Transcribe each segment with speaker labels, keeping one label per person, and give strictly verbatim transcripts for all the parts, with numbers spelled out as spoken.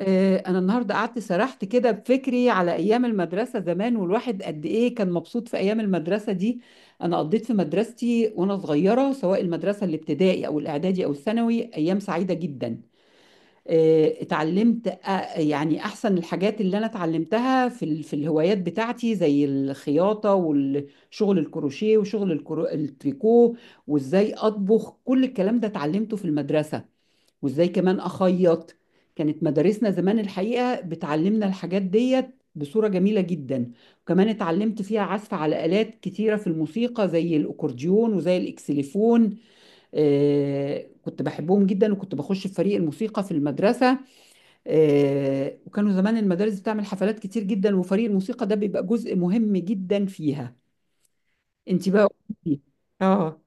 Speaker 1: آه، أنا النهاردة قعدت سرحت كده بفكري على أيام المدرسة زمان، والواحد قد إيه كان مبسوط في أيام المدرسة دي. أنا قضيت في مدرستي وأنا صغيرة، سواء المدرسة الابتدائي أو الإعدادي أو الثانوي، أيام سعيدة جدا. آه، اتعلمت آه، يعني أحسن الحاجات اللي أنا اتعلمتها في ال- في الهوايات بتاعتي زي الخياطة والشغل الكروشيه وشغل الكرو- التريكو. وإزاي أطبخ، كل الكلام ده اتعلمته في المدرسة. وازاي كمان اخيط. كانت مدارسنا زمان الحقيقة بتعلمنا الحاجات ديت بصورة جميلة جدا. وكمان اتعلمت فيها عزف على آلات كتيرة في الموسيقى، زي الأكورديون وزي الإكسليفون. آه كنت بحبهم جدا، وكنت بخش في فريق الموسيقى في المدرسة. آه وكانوا زمان المدارس بتعمل حفلات كتير جدا، وفريق الموسيقى ده بيبقى جزء مهم جدا فيها. انت بقى. قولي- اه.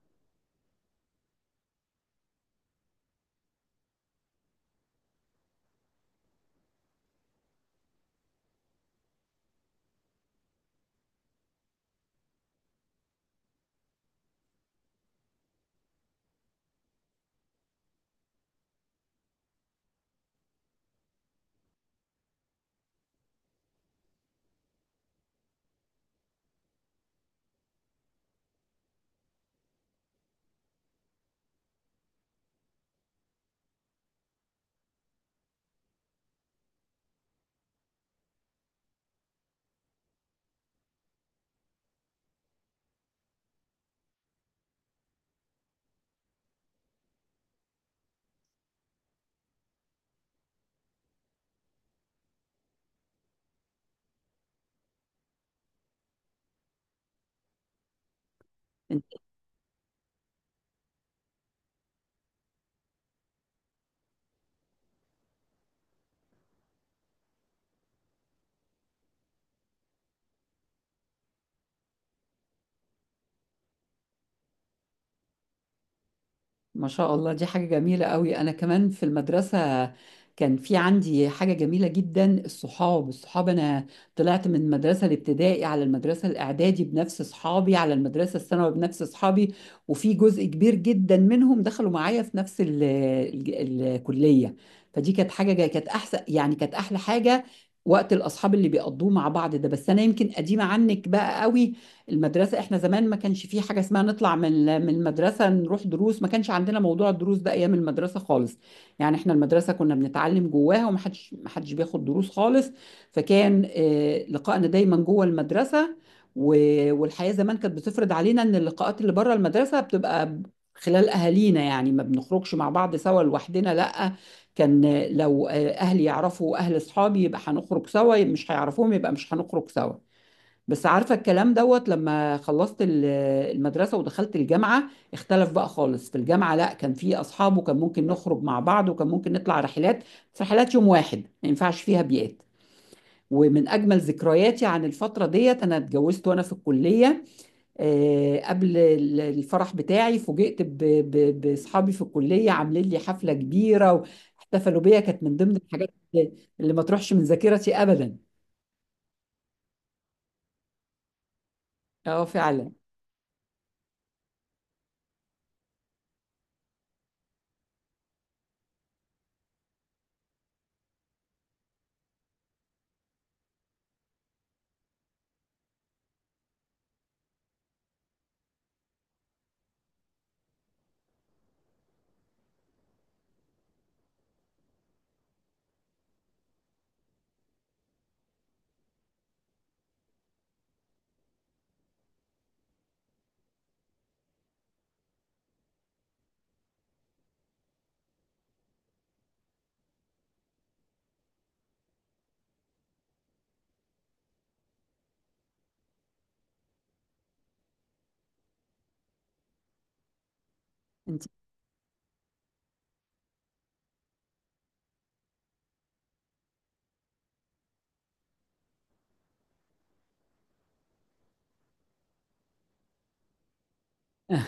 Speaker 1: ما شاء الله، دي حاجة جميلة قوي. أنا كمان في المدرسة كان في عندي حاجة جميلة جدا، الصحاب الصحاب. أنا طلعت من المدرسة الابتدائي على المدرسة الإعدادي بنفس صحابي، على المدرسة الثانوي بنفس صحابي. وفي جزء كبير جدا منهم دخلوا معايا في نفس ال ال الكلية. فدي كانت حاجة جا- كانت أحسن، يعني كانت أحلى حاجة. وقت الأصحاب اللي بيقضوه مع بعض ده. بس أنا يمكن قديمة عنك بقى قوي. المدرسة احنا زمان ما كانش في حاجة اسمها نطلع من ال- من المدرسة نروح دروس، ما كانش عندنا موضوع الدروس ده ايام المدرسة خالص. يعني احنا المدرسة كنا بنتعلم جواها، ومحدش محدش بياخد دروس خالص. فكان آه، لقائنا دايما جوه المدرسة. و- والحياة زمان كانت بتفرض علينا ان اللقاءات اللي بره المدرسة بتبقى خلال اهالينا. يعني ما بنخرجش مع بعض سوا لوحدنا، لا. كان لو آه، اهلي يعرفوا اهل اصحابي يبقى هنخرج سوا، مش هيعرفوهم يبقى مش هنخرج سوا. بس عارفة الكلام دوت، لما خلصت ال- المدرسة ودخلت الجامعة، اختلف بقى خالص. في الجامعة، لا، كان في أصحاب، وكان ممكن نخرج مع بعض، وكان ممكن نطلع رحلات. بس رحلات يوم واحد، ما ينفعش فيها بيئات. ومن أجمل ذكرياتي عن الفترة ديت، أنا اتجوزت وأنا في الكلية. آه، قبل ال- الفرح بتاعي فوجئت ب- ب- بأصحابي في الكلية عاملين لي حفلة كبيرة، واحتفلوا بيا. كانت من ضمن الحاجات اللي اللي ما تروحش من ذاكرتي أبدا. اه فعلا.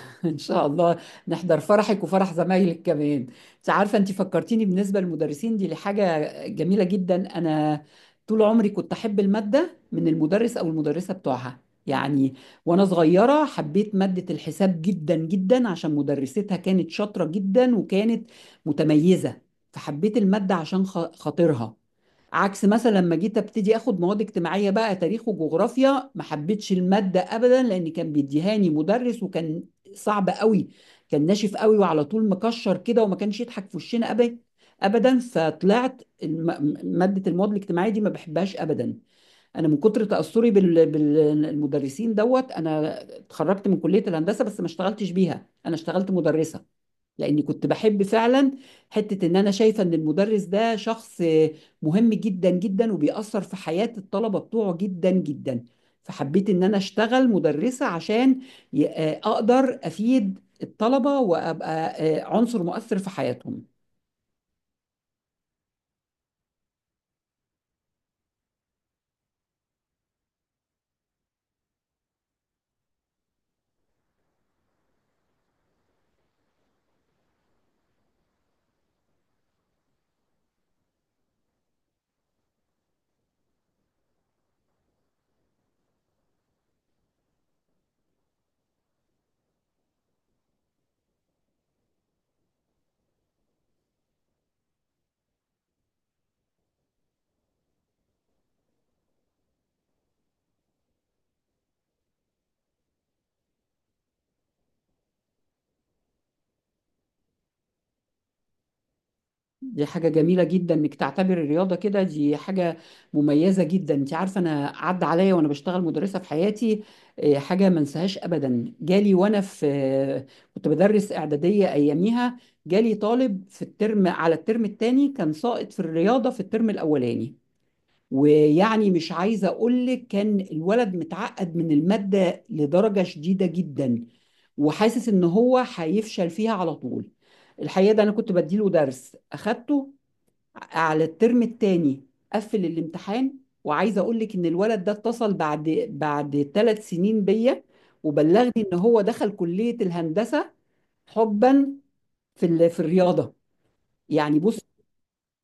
Speaker 1: ان شاء الله نحضر فرحك وفرح زمايلك كمان. انت عارفه، انت فكرتيني بالنسبه للمدرسين دي لحاجه جميله جدا. انا طول عمري كنت احب الماده من المدرس او المدرسه بتوعها. يعني، وانا صغيره حبيت ماده الحساب جدا جدا، عشان مدرستها كانت شاطره جدا وكانت متميزه. فحبيت الماده عشان خ- خاطرها. عكس مثلا لما جيت ابتدي اخد مواد اجتماعيه بقى تاريخ وجغرافيا، ما حبيتش الماده ابدا، لان كان بيديهاني مدرس وكان صعب قوي. كان ناشف قوي، وعلى طول مكشر كده، وما كانش يضحك في وشنا ابدا ابدا. فطلعت الم- ماده المواد الاجتماعيه دي ما بحبهاش ابدا. انا من كتر تاثري بال- بالمدرسين دوت، انا اتخرجت من كليه الهندسه بس ما اشتغلتش بيها، انا اشتغلت مدرسه. لاني كنت بحب فعلا حته ان انا شايفه ان المدرس ده شخص مهم جدا جدا، وبيأثر في حياه الطلبه بتوعه جدا جدا. فحبيت ان انا اشتغل مدرسه عشان ي- آه، اقدر افيد الطلبه وابقى آه، عنصر مؤثر في حياتهم. دي حاجة جميلة جدا انك تعتبر الرياضة كده، دي حاجة مميزة جدا. انت عارفة، انا عدى عليا وانا بشتغل مدرسة في حياتي آه، حاجة ما انساهاش ابدا. جالي وانا في آه، كنت بدرس اعدادية اياميها، جالي طالب في الترم على الترم الثاني كان ساقط في الرياضة في الترم الاولاني. ويعني مش عايزة اقول لك، كان الولد متعقد من المادة لدرجة شديدة جدا، وحاسس ان هو هيفشل فيها على طول. الحقيقة ده انا كنت بديله درس اخدته على الترم التاني. قفل الامتحان. وعايزه اقول لك ان الولد ده اتصل بعد بعد ثلاث سنين بيا، وبلغني ان هو دخل كليه الهندسه حبا في ال- في الرياضه. يعني بص،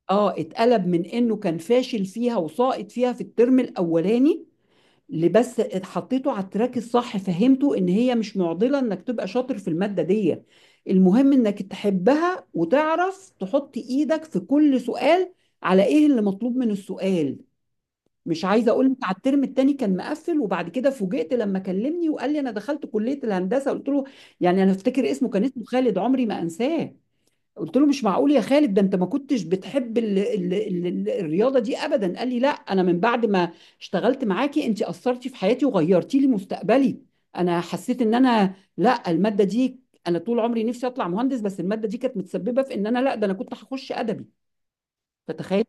Speaker 1: اه، اتقلب من انه كان فاشل فيها وساقط فيها في الترم الاولاني. اللي بس اتحطيته على التراك الصح، فهمته ان هي مش معضله انك تبقى شاطر في الماده دي، المهم انك تحبها وتعرف تحط ايدك في كل سؤال على ايه اللي مطلوب من السؤال. مش عايزه اقول لك، على الترم التاني كان مقفل. وبعد كده فوجئت لما كلمني وقال لي انا دخلت كليه الهندسه. قلت له، يعني انا افتكر اسمه، كان اسمه خالد، عمري ما انساه. قلت له مش معقول يا خالد، ده انت ما كنتش بتحب ال ال ال ال الرياضه دي ابدا. قال لي لا، انا من بعد ما اشتغلت معاكي انت اثرتي في حياتي وغيرتي لي مستقبلي. انا حسيت ان انا، لا الماده دي، انا طول عمري نفسي اطلع مهندس، بس الماده دي كانت متسببه في ان انا، لا ده انا كنت هخش ادبي. فتخيل.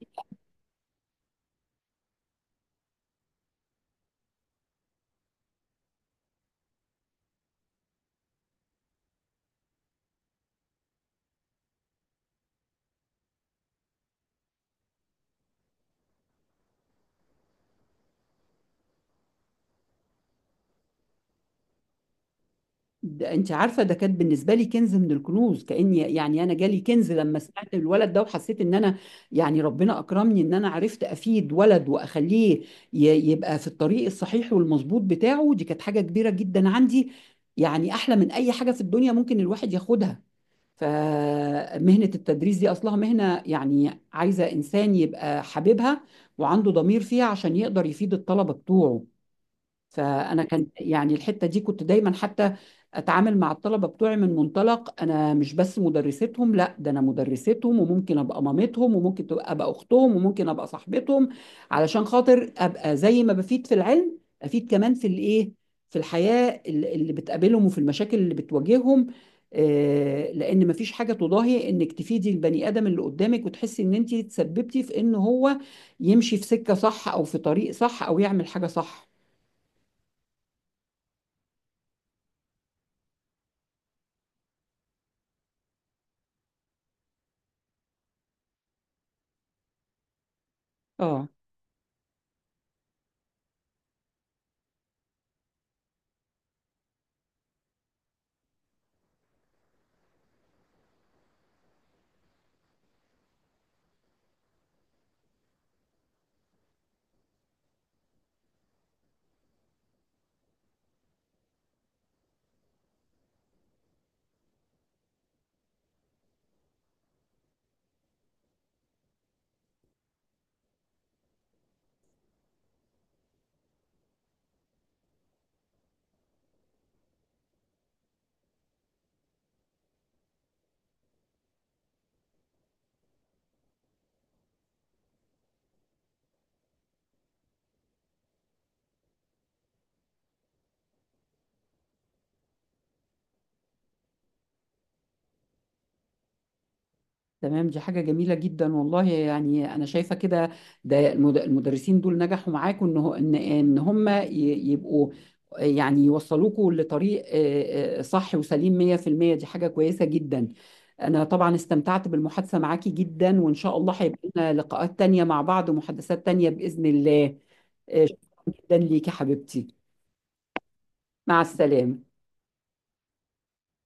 Speaker 1: ده انت عارفه، ده كانت بالنسبه لي كنز من الكنوز، كاني يعني انا جالي كنز لما سمعت الولد ده. وحسيت ان انا يعني ربنا اكرمني ان انا عرفت افيد ولد واخليه ي- يبقى في الطريق الصحيح والمظبوط بتاعه. دي كانت حاجه كبيره جدا عندي، يعني احلى من اي حاجه في الدنيا ممكن الواحد ياخدها. فمهنه التدريس دي اصلها مهنه، يعني عايزه انسان يبقى حاببها وعنده ضمير فيها عشان يقدر يفيد الطلبه بتوعه. فانا كان يعني الحته دي كنت دايما حتى اتعامل مع الطلبه بتوعي من منطلق انا مش بس مدرستهم، لا ده انا مدرستهم، وممكن ابقى مامتهم، وممكن تبقى ابقى اختهم، وممكن ابقى صاحبتهم. علشان خاطر ابقى زي ما بفيد في العلم افيد كمان في الايه، في الحياه اللي اللي بتقابلهم وفي المشاكل اللي بتواجههم. آه، لان مفيش حاجه تضاهي انك تفيدي البني ادم اللي قدامك، وتحسي ان انت تسببتي في ان هو يمشي في سكه صح او في طريق صح او يعمل حاجه صح. اه، تمام، دي حاجة جميلة جدا والله. يعني أنا شايفة كده، ده المد- المدرسين دول نجحوا معاكم إن هو- إن إن هم ي- يبقوا، يعني يوصلوكوا لطريق آه، آه، صح وسليم مية في المية. دي حاجة كويسة جدا. أنا طبعا استمتعت بالمحادثة معاكي جدا، وإن شاء الله هيبقى لنا لقاءات تانية مع بعض ومحادثات تانية بإذن الله. آه، شكرا جدا ليكي حبيبتي. مع السلامة.